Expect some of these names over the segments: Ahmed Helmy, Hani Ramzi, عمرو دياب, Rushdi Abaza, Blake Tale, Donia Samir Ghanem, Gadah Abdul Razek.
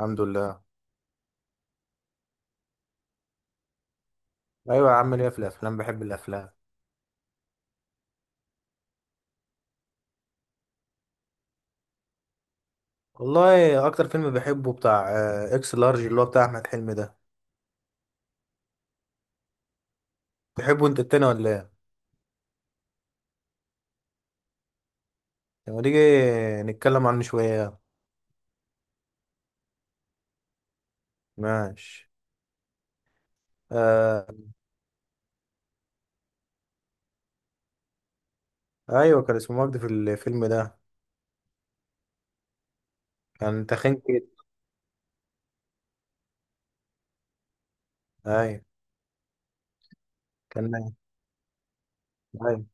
الحمد لله. ايوه يا عم ليا في الافلام، بحب الافلام. والله اكتر فيلم بحبه بتاع اكس لارج، اللي هو بتاع احمد حلمي ده. تحبه انت التاني ولا ايه؟ لما نيجي نتكلم عنه شويه. ماشي. آه. ايوه كان اسمه مجدي في الفيلم ده، كان تخين كده. ايوه كان. ايوه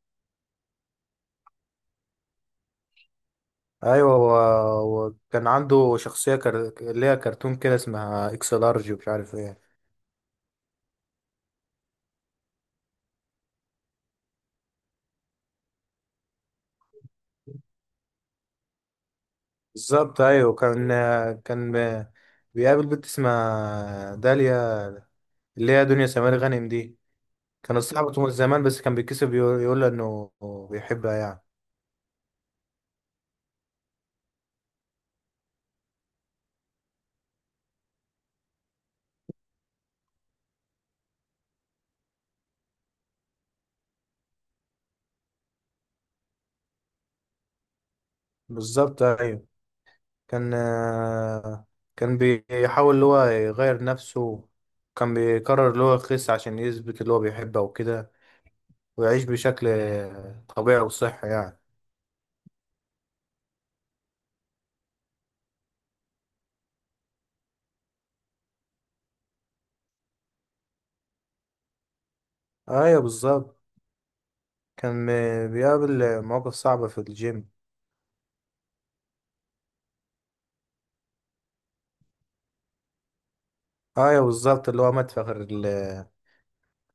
ايوه، وكان عنده اللي هي كرتون كده اسمها اكس لارج ومش عارف ايه. بالظبط ايوه كان. كان بيقابل بنت اسمها داليا، اللي هي دنيا سمير غانم دي، كانت صاحبته من زمان، بس كان بيتكسف يقول له انه بيحبها يعني. بالظبط ايوه كان، كان بيحاول اللي هو يغير نفسه، كان بيقرر اللي هو يخس عشان يثبت اللي هو بيحبها وكده، ويعيش بشكل طبيعي وصحي يعني. ايوه بالظبط كان، بيقابل مواقف صعبة في الجيم. ايوه بالظبط اللي هو مات في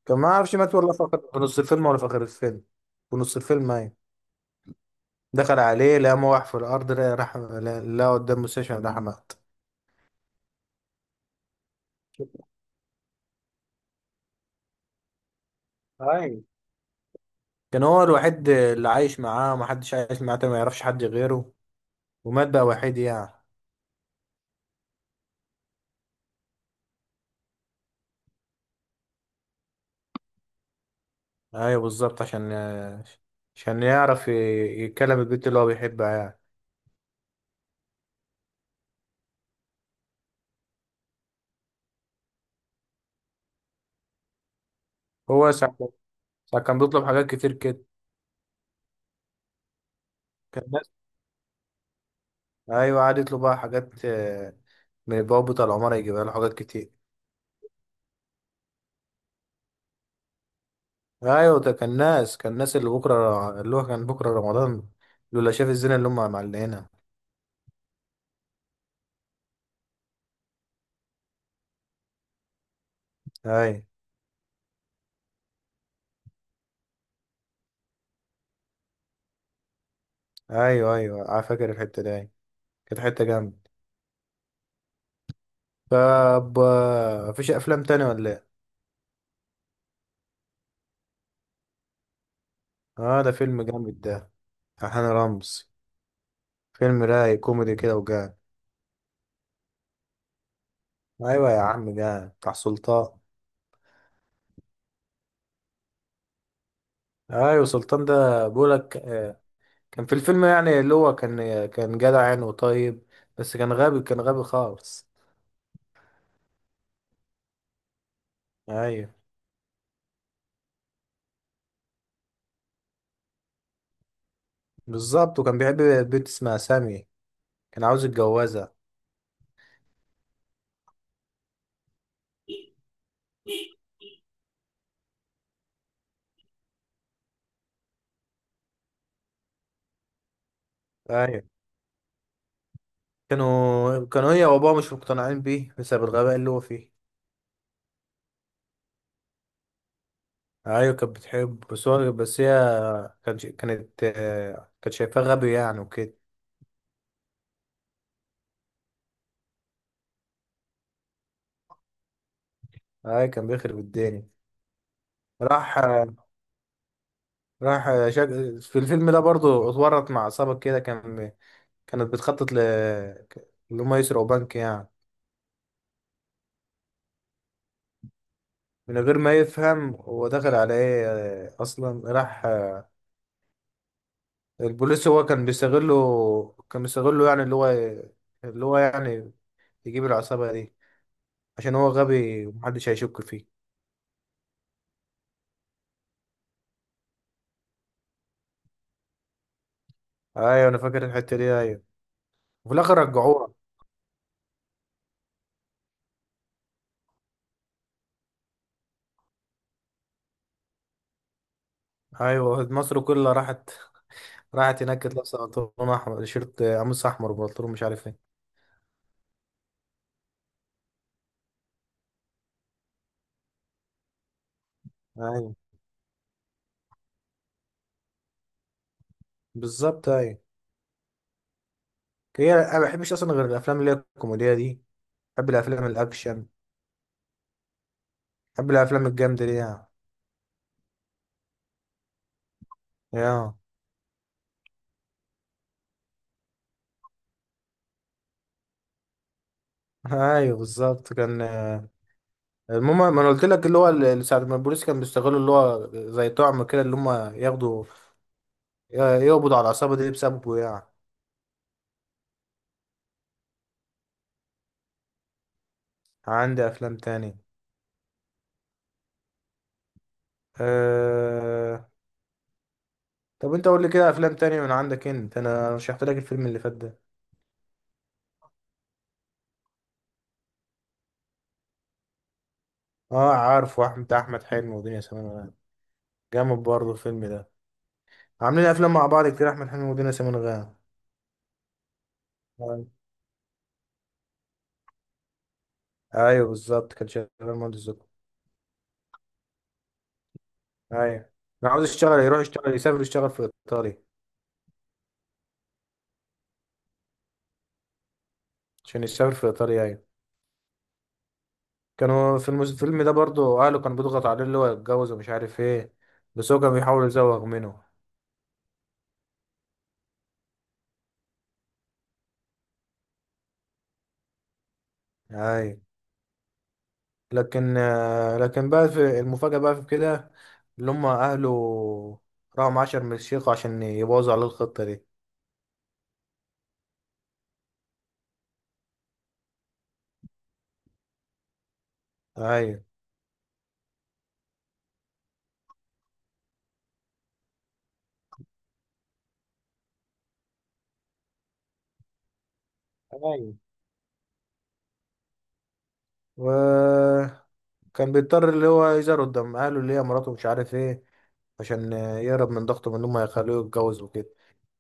كان ما اعرفش مات في نص الفيلم ولا في اخر الفيلم. في نص الفيلم ايوه، دخل عليه لقى موح في الارض، لقى راح لقى قدام مستشفى راح مات. هاي. كان هو الوحيد اللي عايش معاه، ومحدش عايش معاه تاني، ما يعرفش حد غيره، ومات بقى وحيد يعني. ايوه بالظبط، عشان يتكلم البنت اللي هو بيحبها يعني. هو ساعة كان بيطلب حاجات كتير كده. كان الناس، ايوه قعد يطلب بقى حاجات، من البواب بتاع العمارة يجيبها له حاجات كتير. ايوه ده، كان ناس اللي بكرة، اللي هو كان بكرة رمضان، لولا شاف الزنا اللي هم معلقينها. ايوه ايوه، ايوه انا فاكر الحته دي، أيوة. كانت حته جامده. طب مفيش افلام تانية ولا ايه؟ اه ده فيلم جامد ده، بتاع هاني رمزي، فيلم رايق كوميدي كده وجامد. ايوه يا عم جامد، بتاع سلطان. ايوه سلطان ده، بقولك كان في الفيلم يعني، اللي هو كان جدع يعني وطيب، بس كان غبي، كان غبي خالص. ايوه بالظبط، وكان بيحب بنت اسمها سامي، كان عاوز يتجوزها. ايوه كانوا هي وابوها مش مقتنعين بيه بسبب الغباء اللي هو فيه. ايوه كانت بتحب، بس هي كانت، كانت شايفاه غبي يعني وكده. اي كان بيخرب الدنيا. راح راح آه، شك... في الفيلم ده برضو اتورط مع عصابة كده، كان، كانت بتخطط ل اللي هم يسرقوا بنك يعني. من غير ما يفهم هو دخل على ايه، اصلا راح آه، البوليس هو كان بيستغله، كان بيستغله يعني، اللي هو يعني يجيب العصابة دي عشان هو غبي ومحدش هيشك فيه. ايوه انا فاكر الحتة دي ايوه، وفي الاخر رجعوها. ايوه مصر كلها راحت هناك، كانت لابسه بنطلون احمر، شيرت قميص احمر وبنطلون مش عارف ايه. ايوه بالظبط ايوه. هي انا ما بحبش اصلا غير الافلام اللي هي الكوميديه دي، بحب الافلام الاكشن، بحب الافلام الجامده دي يعني. يا ايوه بالظبط كان، المهم، ما انا قلت لك اللي هو ساعه ما البوليس كان بيستغلوا اللي هو زي طعم كده، اللي هم ياخدوا يقبضوا على العصابه دي بسببه يعني. عندي افلام تاني. أه... طب انت قول لي كده افلام تانية من عندك انت، انا رشحت لك الفيلم اللي فات ده. اه عارف، واحمد بتاع احمد حلمي ودنيا سمير غانم، جامد برضه الفيلم ده. عاملين افلام مع بعض كتير احمد حلمي ودنيا سمير غانم. ايوه. ايوه بالظبط كان شغال مهندس زكي. ايوه انا عاوز يشتغل، يروح يشتغل، يسافر يشتغل في ايطاليا. عشان يسافر في ايطاليا ايوه. كانوا في الفيلم ده برضه اهله كانوا بيضغط عليه اللي هو يتجوز ومش عارف ايه، بس هو كان بيحاول يزوغ منه. ايوه لكن لكن بقى في المفاجأة بقى في كده، اللي هم أهله راحوا مع عشر من الشيخ عشان يبوظوا عليه الخطة دي. أيوة. ايوه، وكان بيضطر اللي هو يزار قدام أهله اللي هي مراته مش عارف إيه، عشان يهرب من ضغطه من إن هم يخلوه يتجوز وكده،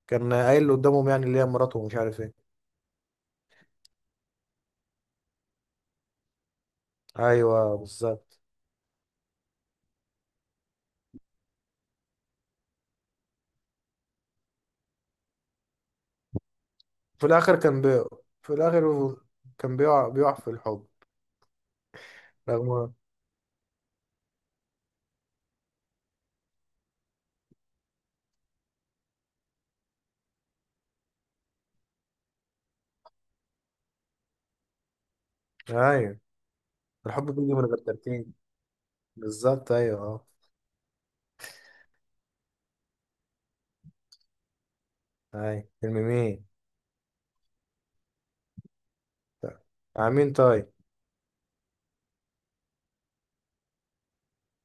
كان قايل قدامهم يعني اللي هي مراته ومش عارف إيه. أيوة بالظبط. في الآخر في الآخر هو كان بيقع في الحب. رغم أيوة. الحب بيجي من غير ترتيب، بالظبط أيوة أه. اي فيلم مين؟ طيب. مين طيب؟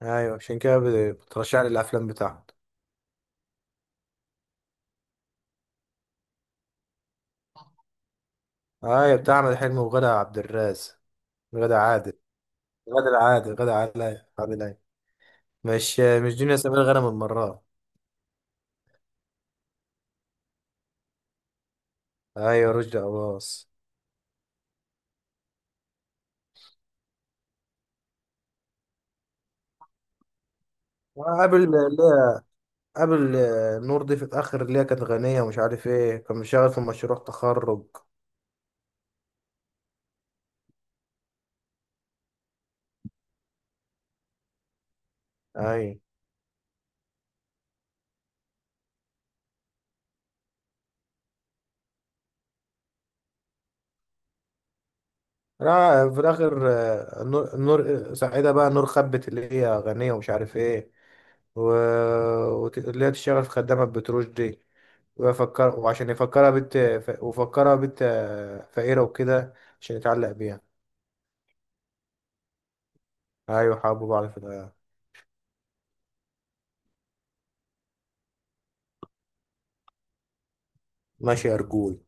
ايوه عشان كده بترشح لي الافلام بتاعته. ايوه بتاع احمد حلمي وغادة عبد الرازق. غادة عادل، غادة العادل غادة عادل أيوة، عادل ايوه، مش مش دنيا سمير غانم المرة. ايوه رشدي اباظ. قابل اللي قابل نور دي في الاخر، اللي هي كانت غنية ومش عارف ايه، كان مشغل في مشروع تخرج. ايوه. لا في الاخر نور، نور سعيدة بقى نور خبت، اللي هي غنية ومش عارف ايه، و... اللي هي تشتغل في خدامة بتروج دي، وعشان يفكرها بنت ف... وفكرها بنت فقيرة وكده عشان يتعلق بيها. أيوة حبوا بعض في الحياة. ماشي يا رجول.